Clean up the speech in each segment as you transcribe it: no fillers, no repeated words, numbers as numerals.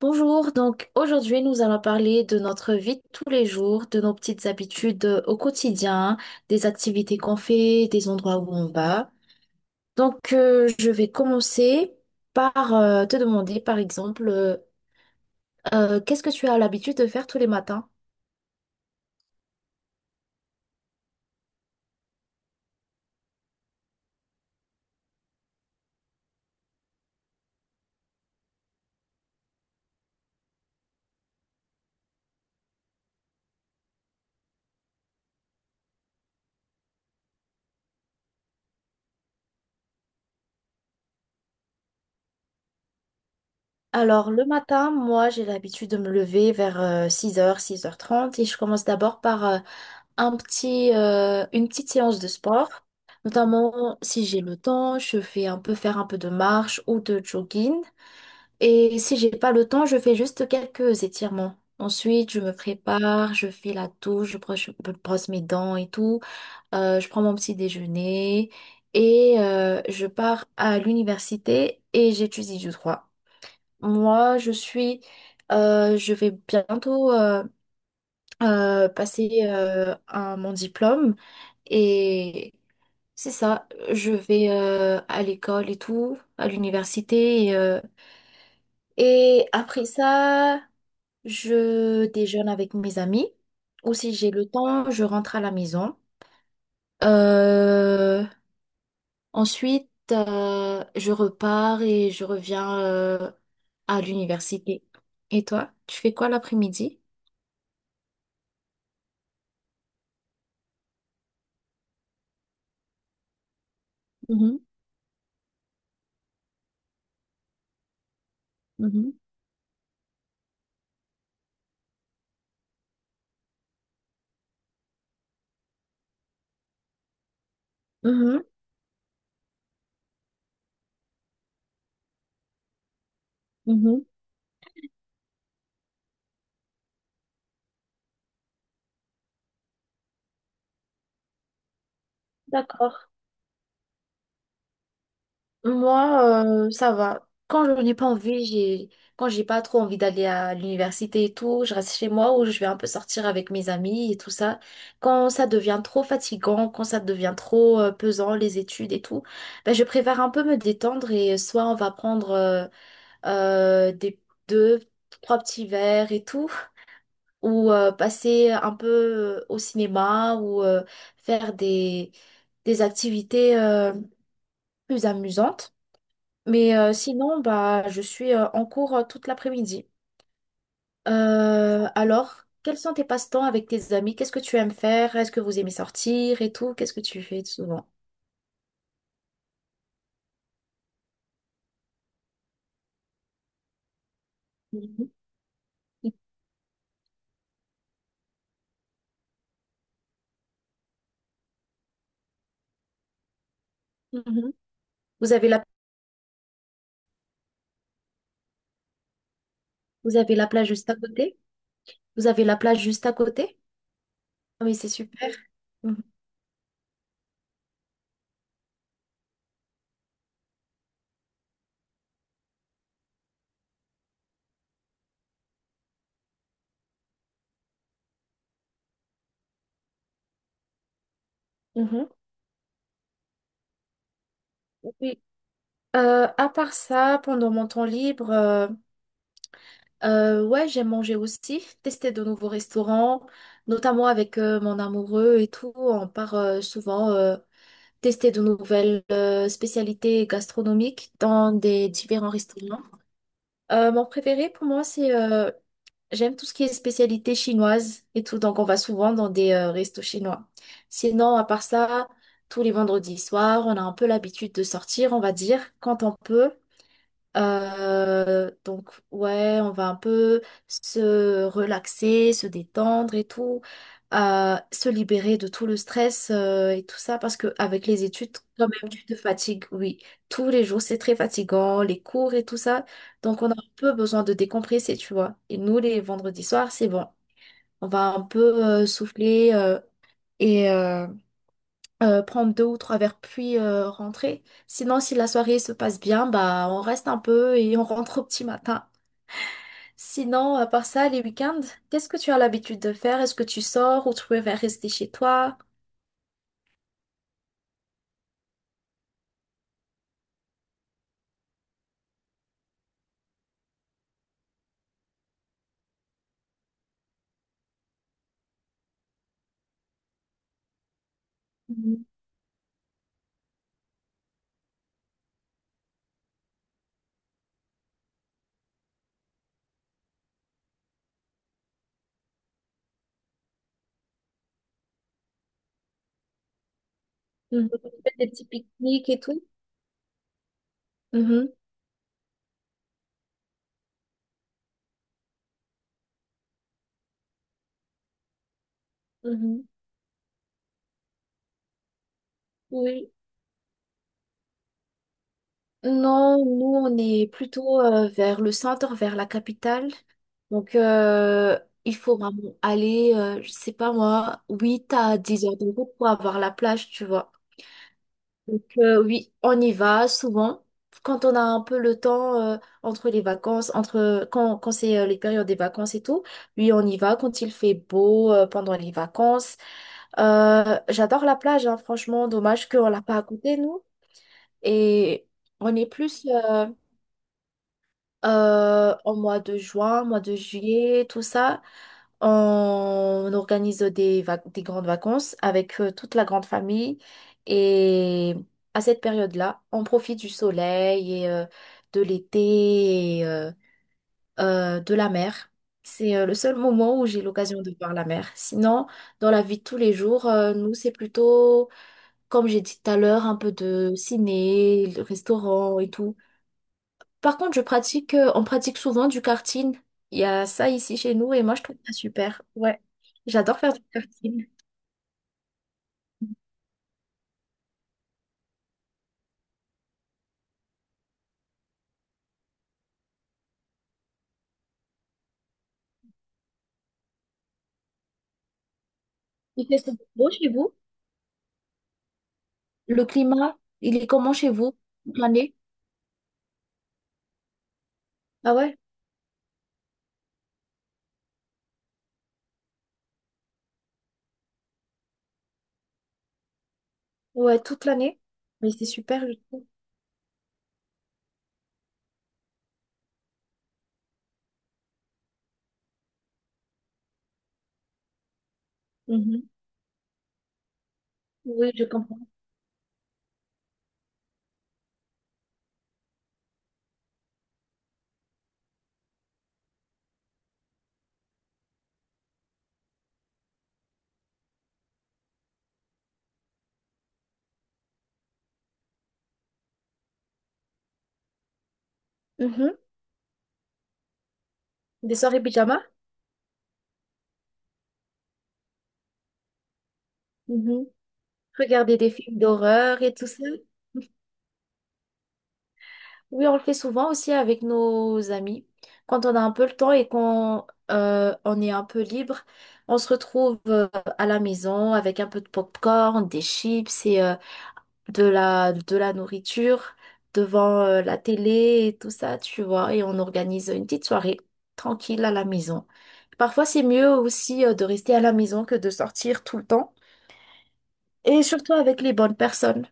Bonjour, donc aujourd'hui nous allons parler de notre vie de tous les jours, de nos petites habitudes au quotidien, des activités qu'on fait, des endroits où on va. Donc je vais commencer par te demander par exemple, qu'est-ce que tu as l'habitude de faire tous les matins? Alors, le matin, moi, j'ai l'habitude de me lever vers 6 heures, 6h30, et je commence d'abord par une petite séance de sport. Notamment, si j'ai le temps, je fais un peu faire un peu de marche ou de jogging. Et si j'ai pas le temps, je fais juste quelques étirements. Ensuite, je me prépare, je fais la douche, je brosse mes dents et tout. Je prends mon petit déjeuner et je pars à l'université et j'étudie du droit. Moi, je vais bientôt passer mon diplôme et c'est ça. Je vais à l'école et tout, à l'université et après ça, je déjeune avec mes amis ou si j'ai le temps, je rentre à la maison. Euh, ensuite, je repars et je reviens à l'université. Et toi, tu fais quoi l'après-midi? Mhm, mhm, mhm, mhm. D'accord. Moi, ça va. Quand j'ai pas trop envie d'aller à l'université et tout, je reste chez moi ou je vais un peu sortir avec mes amis et tout ça. Quand ça devient trop fatigant, quand ça devient trop pesant, les études et tout, ben, je préfère un peu me détendre et soit on va prendre des deux, trois petits verres et tout, ou passer un peu au cinéma ou faire des activités plus amusantes. Mais sinon, bah, je suis en cours toute l'après-midi. Alors, quels sont tes passe-temps avec tes amis? Qu'est-ce que tu aimes faire? Est-ce que vous aimez sortir et tout? Qu'est-ce que tu fais souvent? Mhm. Mhm. Vous avez la, Vous avez la plage juste à côté? Vous avez la plage juste à côté? Ah, mais c'est super. Mhm. Mhm. Oui. À part ça, pendant mon temps libre, ouais, j'aime manger aussi, tester de nouveaux restaurants, notamment avec mon amoureux et tout. On part souvent tester de nouvelles spécialités gastronomiques dans des différents restaurants. Mon préféré pour moi, c'est j'aime tout ce qui est spécialité chinoise et tout, donc on va souvent dans des restos chinois. Sinon, à part ça, tous les vendredis soirs, on a un peu l'habitude de sortir, on va dire, quand on peut. Donc, ouais, on va un peu se relaxer, se détendre et tout, se libérer de tout le stress et tout ça, parce que avec les études, quand même, tu te fatigues, oui. Tous les jours, c'est très fatigant, les cours et tout ça. Donc, on a un peu besoin de décompresser, tu vois. Et nous, les vendredis soirs, c'est bon. On va un peu souffler et prendre deux ou trois verres puis rentrer. Sinon, si la soirée se passe bien, bah on reste un peu et on rentre au petit matin. Sinon, à part ça, les week-ends, qu'est-ce que tu as l'habitude de faire? Est-ce que tu sors ou tu préfères rester chez toi? Mhm. Mhm. Faire des petits pique-niques et tout. Mhm. Mhm. Oui. Non, nous, on est plutôt vers le centre, vers la capitale. Donc, il faut vraiment aller, je sais pas moi, 8 à 10 heures de route pour avoir la plage, tu vois. Donc, oui, on y va souvent. Quand on a un peu le temps entre les vacances, entre quand c'est les périodes des vacances et tout, oui, on y va quand il fait beau pendant les vacances. J'adore la plage, hein, franchement, dommage qu'on l'a pas à côté, nous. Et on est plus au mois de juin, mois de juillet, tout ça. On organise des grandes vacances avec toute la grande famille. Et à cette période-là, on profite du soleil et de l'été et de la mer. C'est le seul moment où j'ai l'occasion de voir la mer. Sinon, dans la vie de tous les jours, nous, c'est plutôt, comme j'ai dit tout à l'heure, un peu de ciné, le restaurant et tout. Par contre, on pratique souvent du karting. Il y a ça ici chez nous et moi je trouve ça super. Ouais, j'adore faire du karting. Il fait c'est beau chez vous? Le climat, il est comment chez vous? Toute l'année? Ah ouais? Ouais, toute l'année. Mais c'est super, je trouve. Mhm. Oui, je comprends. Mhm. Des soirées pyjama? Mhm. Regarder des films d'horreur et tout ça. Oui, on le fait souvent aussi avec nos amis. Quand on a un peu le temps et qu'on on est un peu libre, on se retrouve à la maison avec un peu de popcorn, des chips et de la nourriture devant la télé et tout ça, tu vois. Et on organise une petite soirée tranquille à la maison. Parfois, c'est mieux aussi de rester à la maison que de sortir tout le temps. Et surtout avec les bonnes personnes.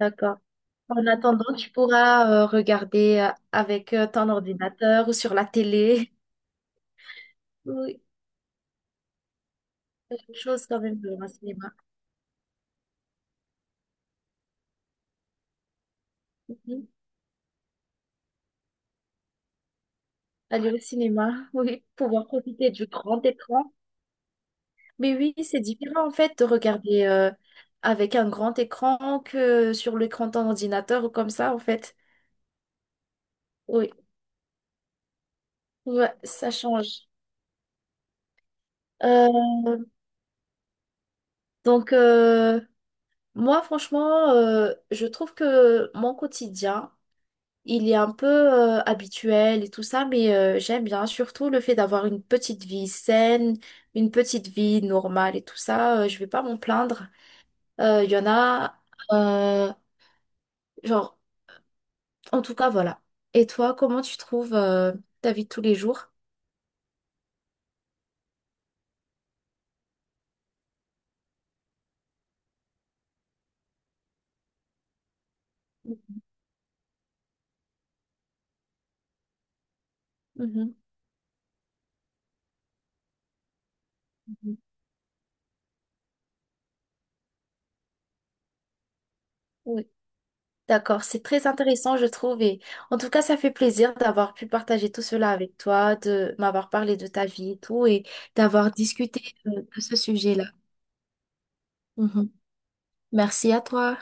D'accord. En attendant, tu pourras regarder avec ton ordinateur ou sur la télé. Oui, quelque chose quand même de un cinéma. Mhm. Aller au cinéma, oui, pouvoir profiter du grand écran. Mais oui, c'est différent en fait de regarder avec un grand écran que sur l'écran de ton ordinateur ou comme ça en fait. Oui, ouais, ça change. Euh, donc, moi franchement, je trouve que mon quotidien. Il est un peu habituel et tout ça, mais j'aime bien surtout le fait d'avoir une petite vie saine, une petite vie normale et tout ça. Je vais pas m'en plaindre. Il y en a, euh, genre, en tout cas, voilà. Et toi, comment tu trouves ta vie de tous les jours? Mhm, mhm. Oui, d'accord, c'est très intéressant, je trouve. Et en tout cas, ça fait plaisir d'avoir pu partager tout cela avec toi, de m'avoir parlé de ta vie et tout, et d'avoir discuté de ce sujet-là. Mhm. Merci à toi.